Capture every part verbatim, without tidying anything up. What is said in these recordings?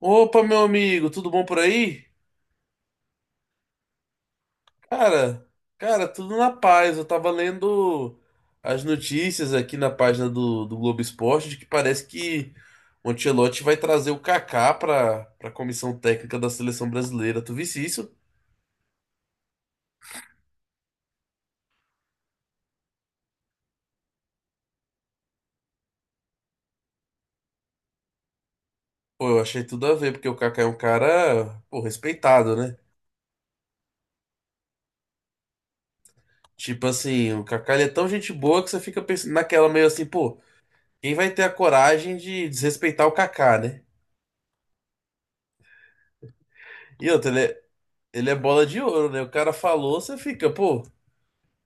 Opa, meu amigo, tudo bom por aí? Cara, cara, tudo na paz. Eu tava lendo as notícias aqui na página do, do Globo Esporte de que parece que o Ancelotti vai trazer o Kaká pra, pra comissão técnica da seleção brasileira. Tu visse isso? Pô, eu achei tudo a ver, porque o Kaká é um cara, pô, respeitado, né? Tipo assim, o Kaká ele é tão gente boa que você fica pensando naquela meio assim, pô, quem vai ter a coragem de desrespeitar o Kaká, né? E outra, ele é- Ele é bola de ouro, né? O cara falou, você fica, pô,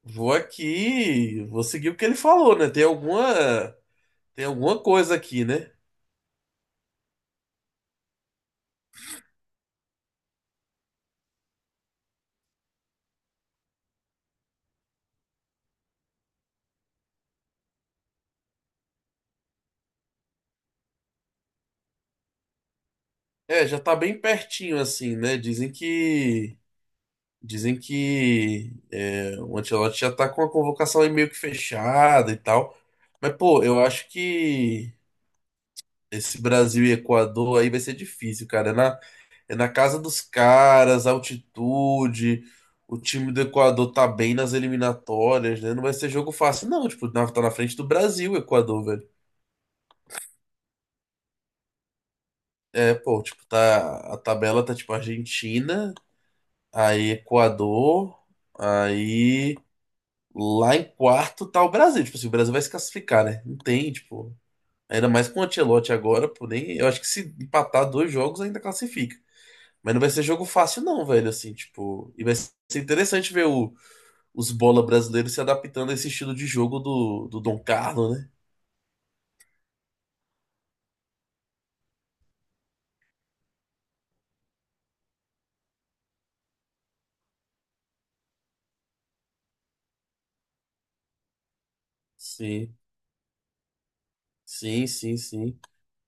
vou aqui, vou seguir o que ele falou, né? Tem alguma, tem alguma coisa aqui, né? É, já tá bem pertinho assim, né? Dizem que, dizem que é, o Ancelotti já tá com a convocação aí meio que fechada e tal. Mas, pô, eu acho que esse Brasil e Equador aí vai ser difícil, cara. Na É na casa dos caras, altitude. O time do Equador tá bem nas eliminatórias, né? Não vai ser jogo fácil, não. Tipo, na- tá na frente do Brasil, o Equador, velho. É, pô, tipo, tá. A tabela tá tipo Argentina, aí Equador, aí lá em quarto tá o Brasil. Tipo assim, o Brasil vai se classificar, né? Não tem, tipo. Ainda mais com o Ancelotti agora, pô, nem. Eu acho que se empatar dois jogos ainda classifica. Mas não vai ser jogo fácil, não, velho. Assim, tipo. E vai ser interessante ver o os bola brasileiros se adaptando a esse estilo de jogo do, do Dom Carlos, né? Sim, sim, sim, sim.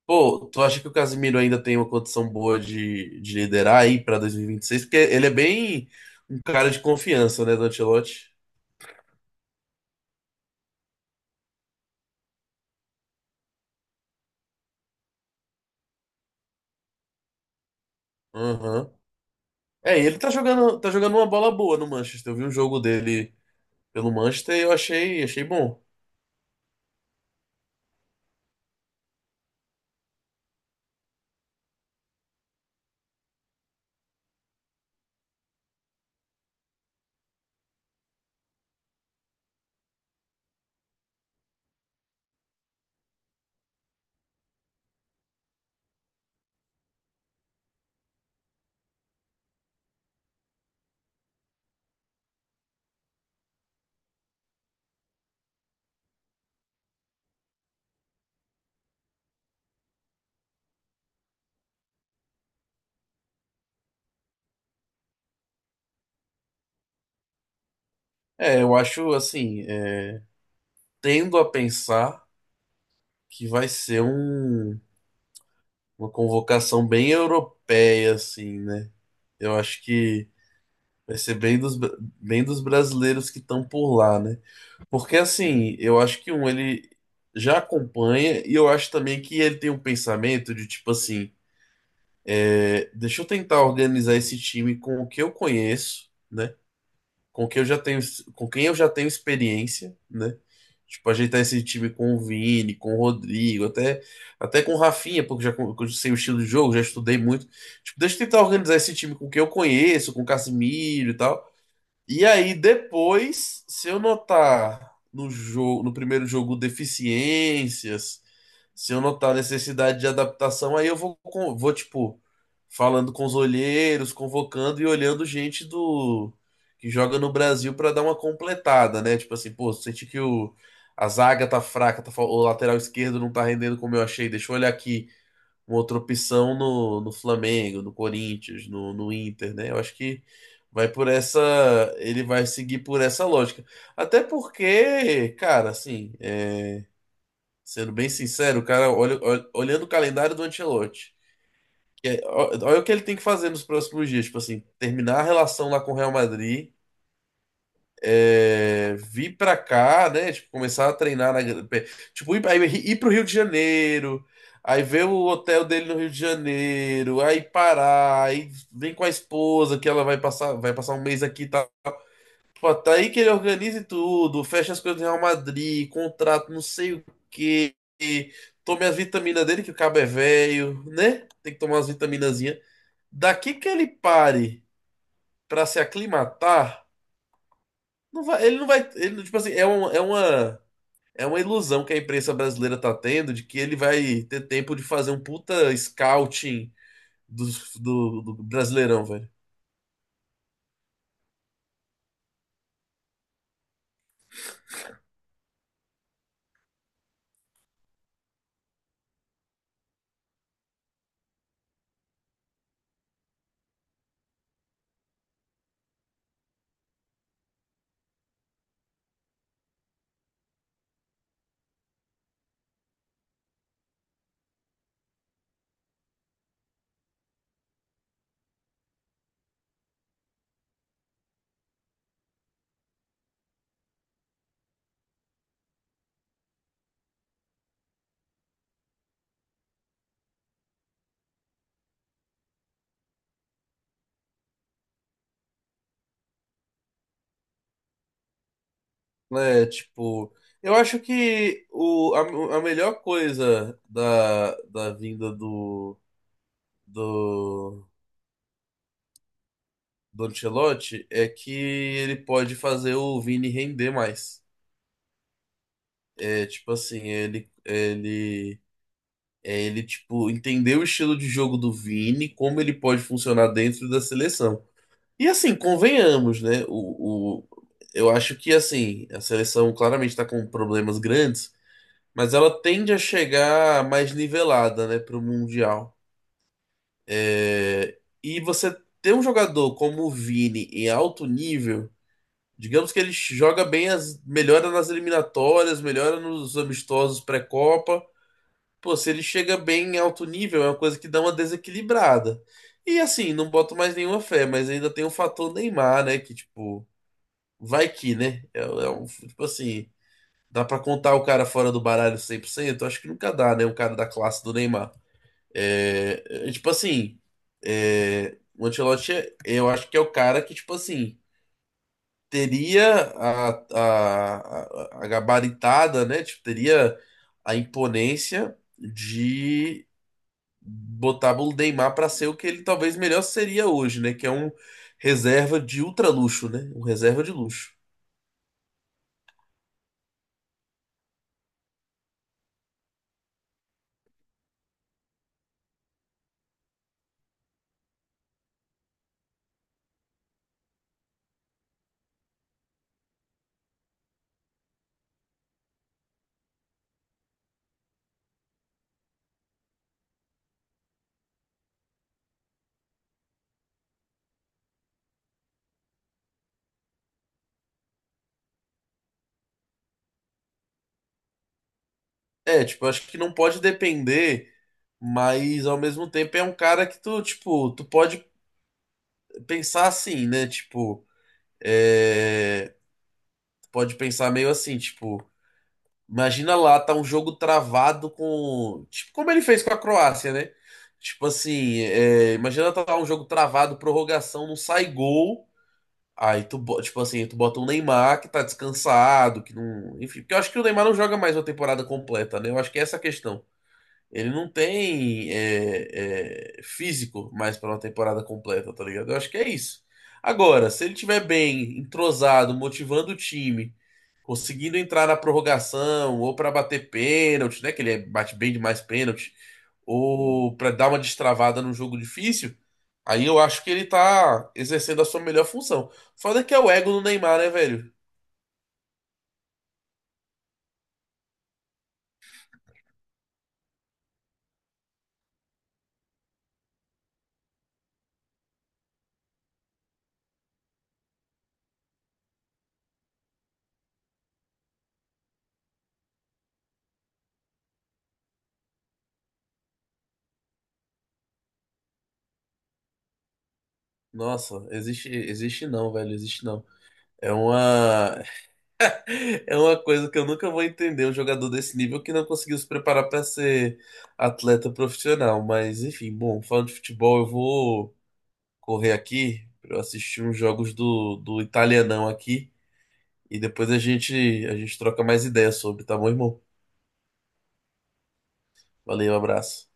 Pô, tu acha que o Casemiro ainda tem uma condição boa de, de liderar aí pra dois mil e vinte e seis? Porque ele é bem um cara de confiança, né, do Ancelotti? Aham. É, e ele tá jogando, tá jogando uma bola boa no Manchester. Eu vi um jogo dele pelo Manchester e eu achei, achei bom. É, eu acho assim, é, tendo a pensar que vai ser um uma convocação bem europeia, assim, né? Eu acho que vai ser bem dos, bra- bem dos brasileiros que estão por lá, né? Porque, assim, eu acho que um, ele já acompanha e eu acho também que ele tem um pensamento de, tipo assim, é, deixa eu tentar organizar esse time com o que eu conheço, né? com quem eu já tenho, com quem eu já tenho experiência, né? Tipo, ajeitar esse time com o Vini, com o Rodrigo, até, até com o Rafinha, porque já, con- eu sei o estilo de jogo, já estudei muito. Tipo, deixa eu tentar organizar esse time com quem eu conheço, com o Casimiro e tal. E aí depois, se eu notar no jogo, no primeiro jogo deficiências, se eu notar necessidade de adaptação, aí eu vou com- vou tipo falando com os olheiros, convocando e olhando gente do que joga no Brasil para dar uma completada, né? Tipo assim, pô, senti que o a zaga tá fraca, tá, fal- o lateral esquerdo não tá rendendo como eu achei, deixa eu olhar aqui uma outra opção no, no Flamengo, no Corinthians, no, no Inter, né? Eu acho que vai por essa, ele vai seguir por essa lógica. Até porque, cara, assim, é, sendo bem sincero, o cara, olha, olha- olhando o calendário do Ancelotti, que é- ó- olha o que ele tem que fazer nos próximos dias, tipo assim, terminar a relação lá com o Real Madrid é, vir pra cá, né? Tipo, começar a treinar na, tipo, ir, aí, ir pro Rio de Janeiro, aí ver o hotel dele no Rio de Janeiro, aí parar, aí vem com a esposa que ela vai passar, vai passar um mês aqui e tal. Pô, tá aí que ele organize tudo, fecha as coisas do Real Madrid, contrato, não sei o quê. Tome as vitaminas dele, que o cabo é velho, né? Tem que tomar as vitaminazinhas. Daqui que ele pare pra se aclimatar, não vai, ele não vai. Ele, tipo assim, é uma, é uma, é uma ilusão que a imprensa brasileira tá tendo de que ele vai ter tempo de fazer um puta scouting dos- do, do, Brasileirão, velho. Né? Tipo, eu acho que o, a, a melhor coisa da, da vinda do, do, do Ancelotti é que ele pode fazer o Vini render mais. É, tipo assim, ele, ele É ele, tipo, entender o estilo de jogo do Vini, como ele pode funcionar dentro da seleção. E assim, convenhamos, né? O, o, eu acho que, assim, a seleção claramente está com problemas grandes, mas ela tende a chegar mais nivelada, né, para o Mundial. É, e você ter um jogador como o Vini em alto nível, digamos que ele joga bem, as, melhora nas eliminatórias, melhora nos amistosos pré-Copa. Pô, se ele chega bem em alto nível, é uma coisa que dá uma desequilibrada. E assim, não boto mais nenhuma fé, mas ainda tem o fator Neymar, né? Que, tipo, vai que, né? É, é um, tipo assim, dá pra contar o cara fora do baralho cem por cento. Acho que nunca dá, né? Um cara da classe do Neymar. É, é, tipo assim, é, o Ancelotti, é- eu acho que é o cara que, tipo assim, teria a, a, a a gabaritada, né? Tipo, teria a imponência de botava o Neymar para ser o que ele talvez melhor seria hoje, né? Que é um reserva de ultra luxo, né? Um reserva de luxo. É, tipo, eu acho que não pode depender, mas ao mesmo tempo é um cara que tu, tipo, tu pode pensar assim, né? Tipo, é... tu pode pensar meio assim, tipo, imagina lá, tá um jogo travado com, tipo, como ele fez com a Croácia, né? Tipo assim, é, imagina tá um jogo travado, prorrogação, não sai gol. Aí tu, bo- tipo assim, tu bota um Neymar que tá descansado, que não. Enfim, porque eu acho que o Neymar não joga mais uma temporada completa, né? Eu acho que é essa a questão. Ele não tem é, é, físico mais pra uma temporada completa, tá ligado? Eu acho que é isso. Agora, se ele tiver bem, entrosado, motivando o time conseguindo entrar na prorrogação ou para bater pênalti, né? Que ele é, bate bem demais pênalti, ou para dar uma destravada num jogo difícil. Aí eu acho que ele tá exercendo a sua melhor função. Foda que é o ego do Neymar, né, velho? Nossa, existe, existe não, velho, existe não. É uma, é uma coisa que eu nunca vou entender, um jogador desse nível que não conseguiu se preparar para ser atleta profissional. Mas, enfim, bom, falando de futebol, eu vou correr aqui pra eu assistir uns jogos do, do Italianão aqui e depois a gente a gente troca mais ideias sobre, tá bom, irmão? Valeu, abraço.